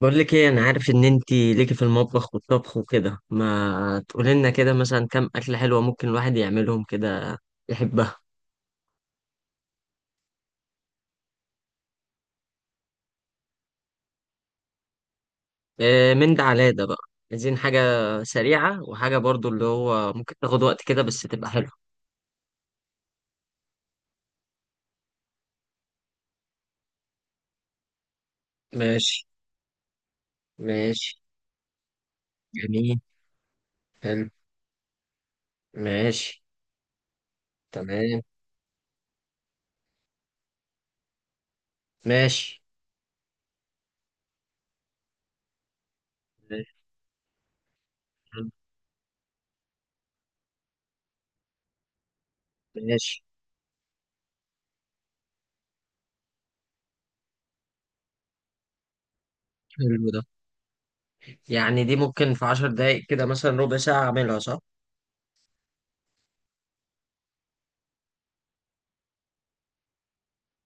بقول لك ايه، انا عارف ان انت ليكي في المطبخ والطبخ وكده. ما تقولي لنا كده مثلا كام اكله حلوه ممكن الواحد يعملهم كده يحبها؟ إيه من ده على ده بقى. عايزين حاجه سريعه، وحاجه برضو اللي هو ممكن تاخد وقت كده بس تبقى حلوه. ماشي. ماشي. جميل. حلو. ماشي. تمام. ماشي. ماشي. حلو. ماشي. حلو ده. يعني دي ممكن في 10 دقايق كده، مثلا ربع ساعه اعملها، صح؟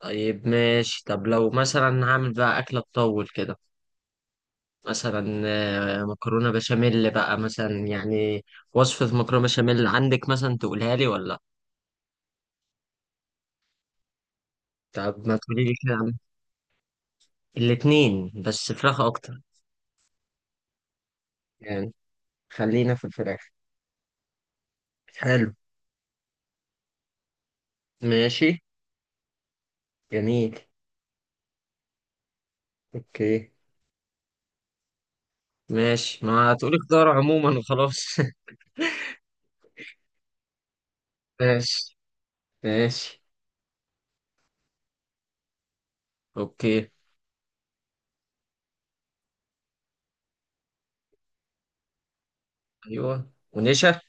طيب ماشي. طب لو مثلا هعمل بقى اكله تطول كده، مثلا مكرونة بشاميل بقى مثلا يعني. وصفة مكرونة بشاميل عندك مثلا، تقولها لي ولا لأ؟ طب ما تقولي لي كده عن- الاتنين، بس فراخ أكتر. يعني خلينا في الفراخ. حلو. ماشي. جميل. أوكي. ماشي ما تقولي خضار عموما وخلاص. ماشي. ماشي. أوكي. أيوه، ونشا.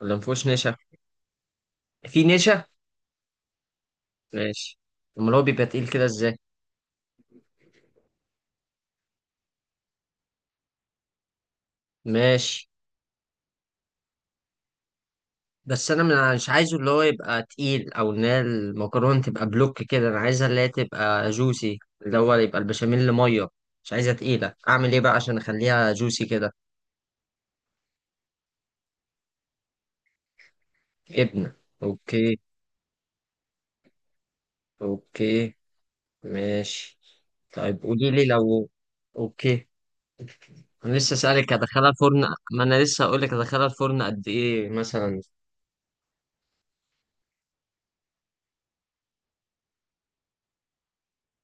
ولا مفهوش نشا؟ في نشا. ماشي. أمال هو بيبقى تقيل كده إزاي؟ ماشي. بس انا مش عايزه اللي هو يبقى تقيل، او ان هي المكرونه تبقى بلوك كده، انا عايزها اللي هي تبقى جوسي، اللي هو يبقى البشاميل ميه. مش عايزها تقيله، اعمل ايه بقى عشان اخليها جوسي كده؟ ابنه. اوكي. اوكي. ماشي. طيب قولي لي لو... اوكي. انا لسه سالك هدخلها الفرن. ما انا لسه هقول لك هدخلها الفرن قد ايه مثلا.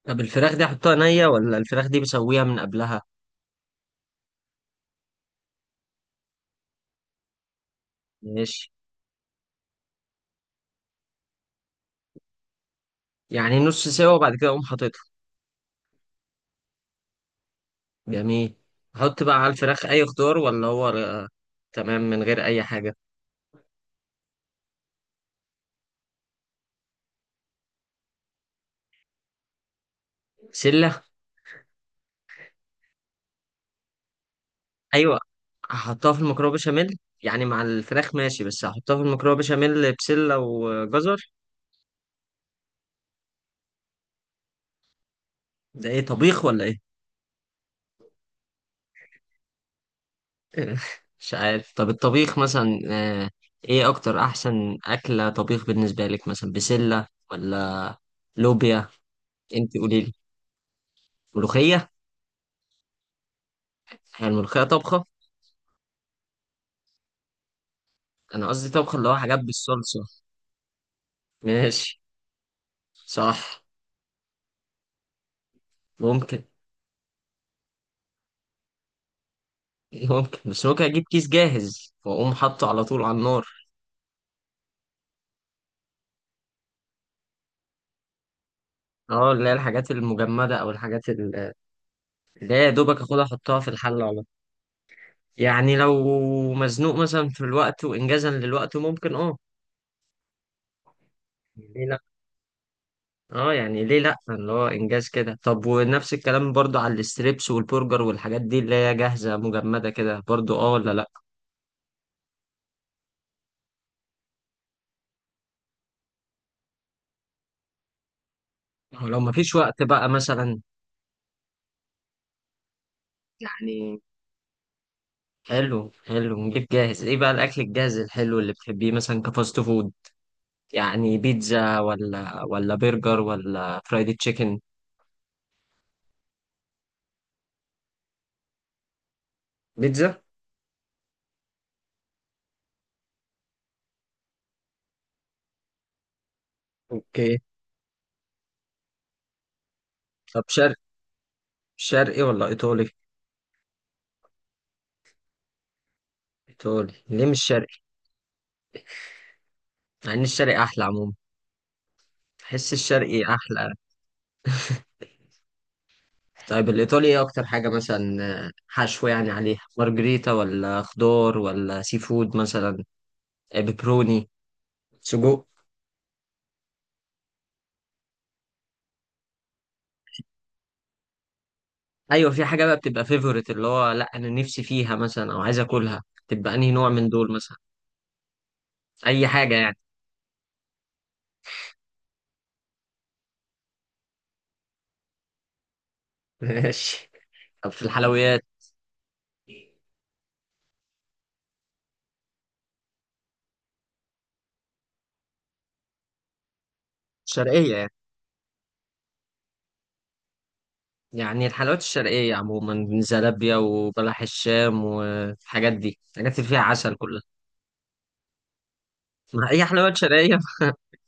طب الفراخ دي احطها نيه، ولا الفراخ دي بسويها من قبلها؟ ماشي. يعني نص سوا وبعد كده اقوم حاططها. جميل. احط بقى على الفراخ اي خضار ولا هو تمام من غير اي حاجه؟ بسله؟ ايوه. احطها في المكرونه بشاميل يعني مع الفراخ، ماشي. بس احطها في المكرونه بشاميل بسله وجزر. ده ايه، طبيخ ولا ايه؟ مش عارف. طب الطبيخ مثلا ايه اكتر احسن اكله طبيخ بالنسبه لك، مثلا بسله ولا لوبيا؟ انت قولي لي. ملوخيه؟ هي الملوخيه طبخه؟ انا قصدي طبخه اللي هو حاجات بالصلصه. ماشي. صح. ممكن. ممكن، بس ممكن اجيب كيس جاهز واقوم حاطه على طول على النار. اه، اللي هي الحاجات المجمده، او الحاجات اللي هي يا دوبك اخدها احطها في الحله على طول. يعني لو مزنوق مثلا في الوقت وانجازا للوقت، ممكن اه. ليه لا. اه يعني، ليه لا، اللي هو انجاز كده. طب ونفس الكلام برضو على الستريبس والبرجر والحاجات دي اللي هي جاهزه مجمده كده برضو، اه ولا لا؟ ولو مفيش وقت بقى مثلا يعني. حلو، حلو. نجيب جاهز ايه بقى؟ الاكل الجاهز الحلو اللي بتحبيه مثلا، كفاست فود يعني؟ بيتزا ولا برجر ولا فرايدي تشيكن؟ بيتزا. اوكي. طب شرقي؟ شرقي ولا ايطالي؟ ايطالي، ليه مش شرقي؟ مع ان الشرقي احلى عموما. بحس الشرقي احلى. طيب الايطالي ايه اكتر حاجه مثلا؟ حشو يعني عليها، مارجريتا ولا خضار ولا سي فود مثلا؟ بيبروني، سجق؟ ايوه، في حاجه بقى بتبقى فيفورت، اللي هو لا انا نفسي فيها مثلا او عايز اكلها، تبقى انهي نوع من دول مثلا؟ اي حاجه يعني. ماشي. طب في الحلويات؟ شرقيه يعني؟ يعني الحلويات الشرقية عموما، زلابيا وبلح الشام والحاجات دي، الحاجات اللي فيها عسل كلها. ما هي حلويات شرقية.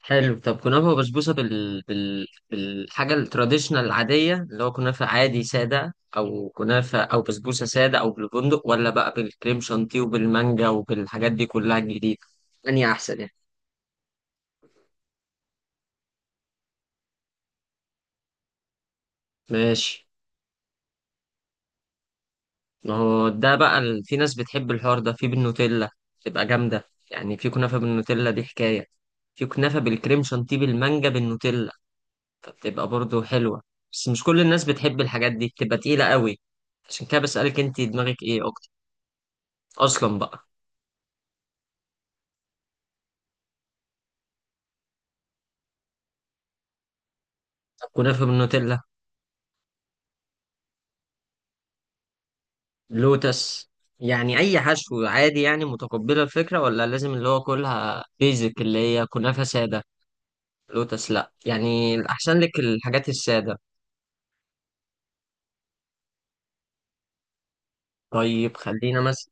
حلو. طب كنافة وبسبوسة بالحاجة التراديشنال العادية، اللي هو كنافة عادي سادة، أو كنافة أو بسبوسة سادة، أو بالبندق، ولا بقى بالكريم شانتيه وبالمانجا وبالحاجات دي كلها الجديدة؟ أني أحسن يعني؟ ماشي. ما هو ده بقى في ناس بتحب الحوار ده في بالنوتيلا، تبقى جامدة. يعني في كنافة بالنوتيلا، دي حكاية. في كنافة بالكريم شانتيه بالمانجا بالنوتيلا، فبتبقى برضو حلوة. بس مش كل الناس بتحب الحاجات دي، بتبقى تقيلة قوي. عشان كده بسألك انت دماغك ايه اكتر اصلا بقى؟ طب كنافة بالنوتيلا؟ لوتس؟ يعني اي حشو عادي يعني متقبلة الفكرة، ولا لازم اللي هو كلها بيزك، اللي هي كنافة سادة؟ لوتس لا، يعني الاحسن لك الحاجات السادة؟ طيب خلينا مثلا.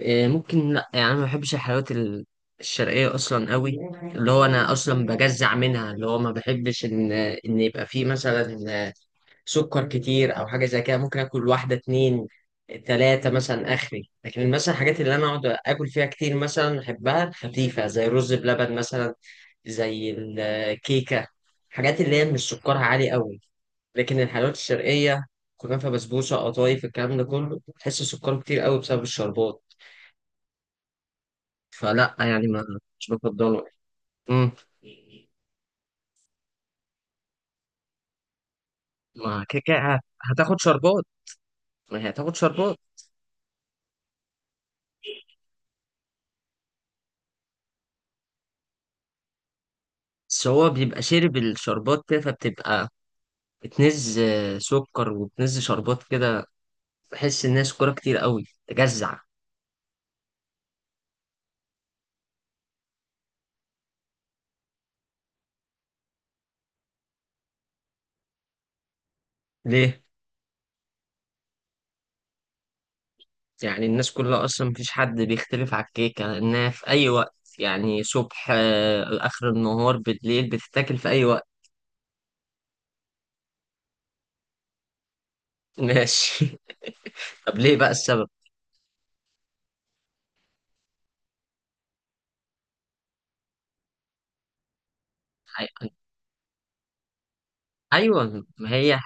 إيه، ممكن لا، يعني انا ما بحبش الحلويات الشرقيه اصلا قوي. اللي هو انا اصلا بجزع منها، اللي هو ما بحبش ان يبقى فيه مثلا سكر كتير او حاجه زي كده. ممكن اكل واحده، اتنين، تلاته مثلا اخري، لكن مثلا الحاجات اللي انا اقعد اكل فيها كتير مثلا احبها خفيفه، زي الرز بلبن مثلا، زي الكيكه، حاجات اللي هي مش سكرها عالي قوي. لكن الحلويات الشرقيه، كنافه بسبوسه قطايف الكلام ده كله، تحس سكره كتير قوي بسبب الشربات. فلا يعني، ما، مش بفضله. امم ما كده كده هتاخد شربات. ما هي هتاخد شربات. بس هو بيبقى شارب الشربات كده، فبتبقى بتنز سكر، وبتنز شربات كده. بحس انها سكرها كتير قوي، تجزع. ليه؟ يعني الناس كلها اصلا مفيش حد بيختلف على الكيكة انها في اي وقت، يعني صبح اخر النهار بالليل، بتتاكل في اي وقت. ماشي. طب ليه بقى السبب؟ أي- ايوه، ما هي.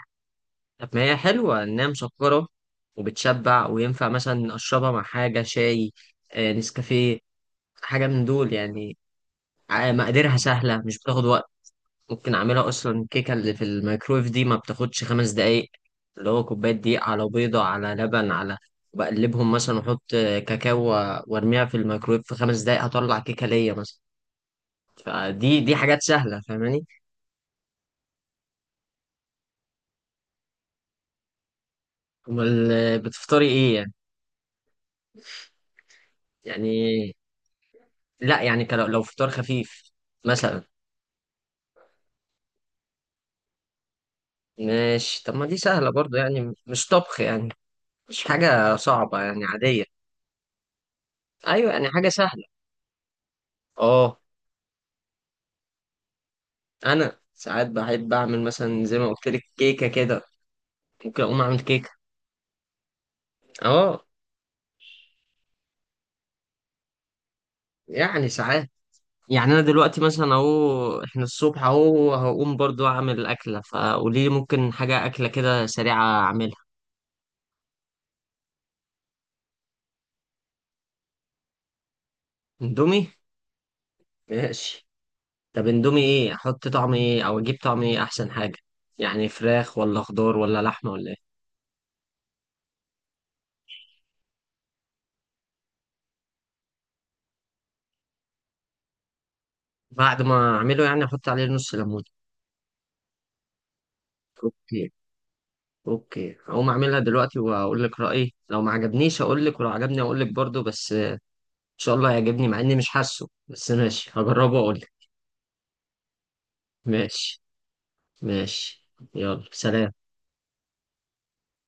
طب ما هي حلوة إنها مسكرة وبتشبع، وينفع مثلا أشربها مع حاجة شاي نسكافيه، حاجة من دول يعني. مقاديرها سهلة، مش بتاخد وقت. ممكن أعملها أصلا الكيكة اللي في الميكرويف دي ما بتاخدش 5 دقايق. اللي هو كوباية دقيق على بيضة على لبن، على بقلبهم مثلا وأحط كاكاو وأرميها في الميكرويف، في 5 دقايق هطلع كيكة ليا مثلا. دي حاجات سهلة، فاهماني؟ أمال بتفطري إيه يعني؟ يعني لا، يعني لو فطار خفيف مثلا. ماشي. طب ما دي سهلة برضو، يعني مش طبخ يعني. مش حاجة صعبة، يعني عادية. أيوة، يعني حاجة سهلة. أه. أنا ساعات بحب أعمل مثلا زي ما قلت لك كيكة كده. ممكن أقوم أعمل كيكة. أه. يعني ساعات يعني. أنا دلوقتي مثلا أهو، إحنا الصبح أهو هقوم برضو أعمل أكلة، فقولي لي ممكن حاجة أكلة كده سريعة أعملها. إندومي. ماشي. طب إندومي إيه، أحط طعم إيه أو أجيب طعم إيه أحسن حاجة؟ يعني فراخ ولا خضار ولا لحمة ولا إيه؟ بعد ما اعمله يعني احط عليه نص ليمون؟ اوكي. اوكي، هقوم اعملها دلوقتي واقول لك رايي. لو ما عجبنيش اقول لك، ولو عجبني اقول لك برضه. بس ان شاء الله هيعجبني، مع اني مش حاسه، بس ماشي هجربه واقول لك. ماشي. ماشي. يلا، سلام.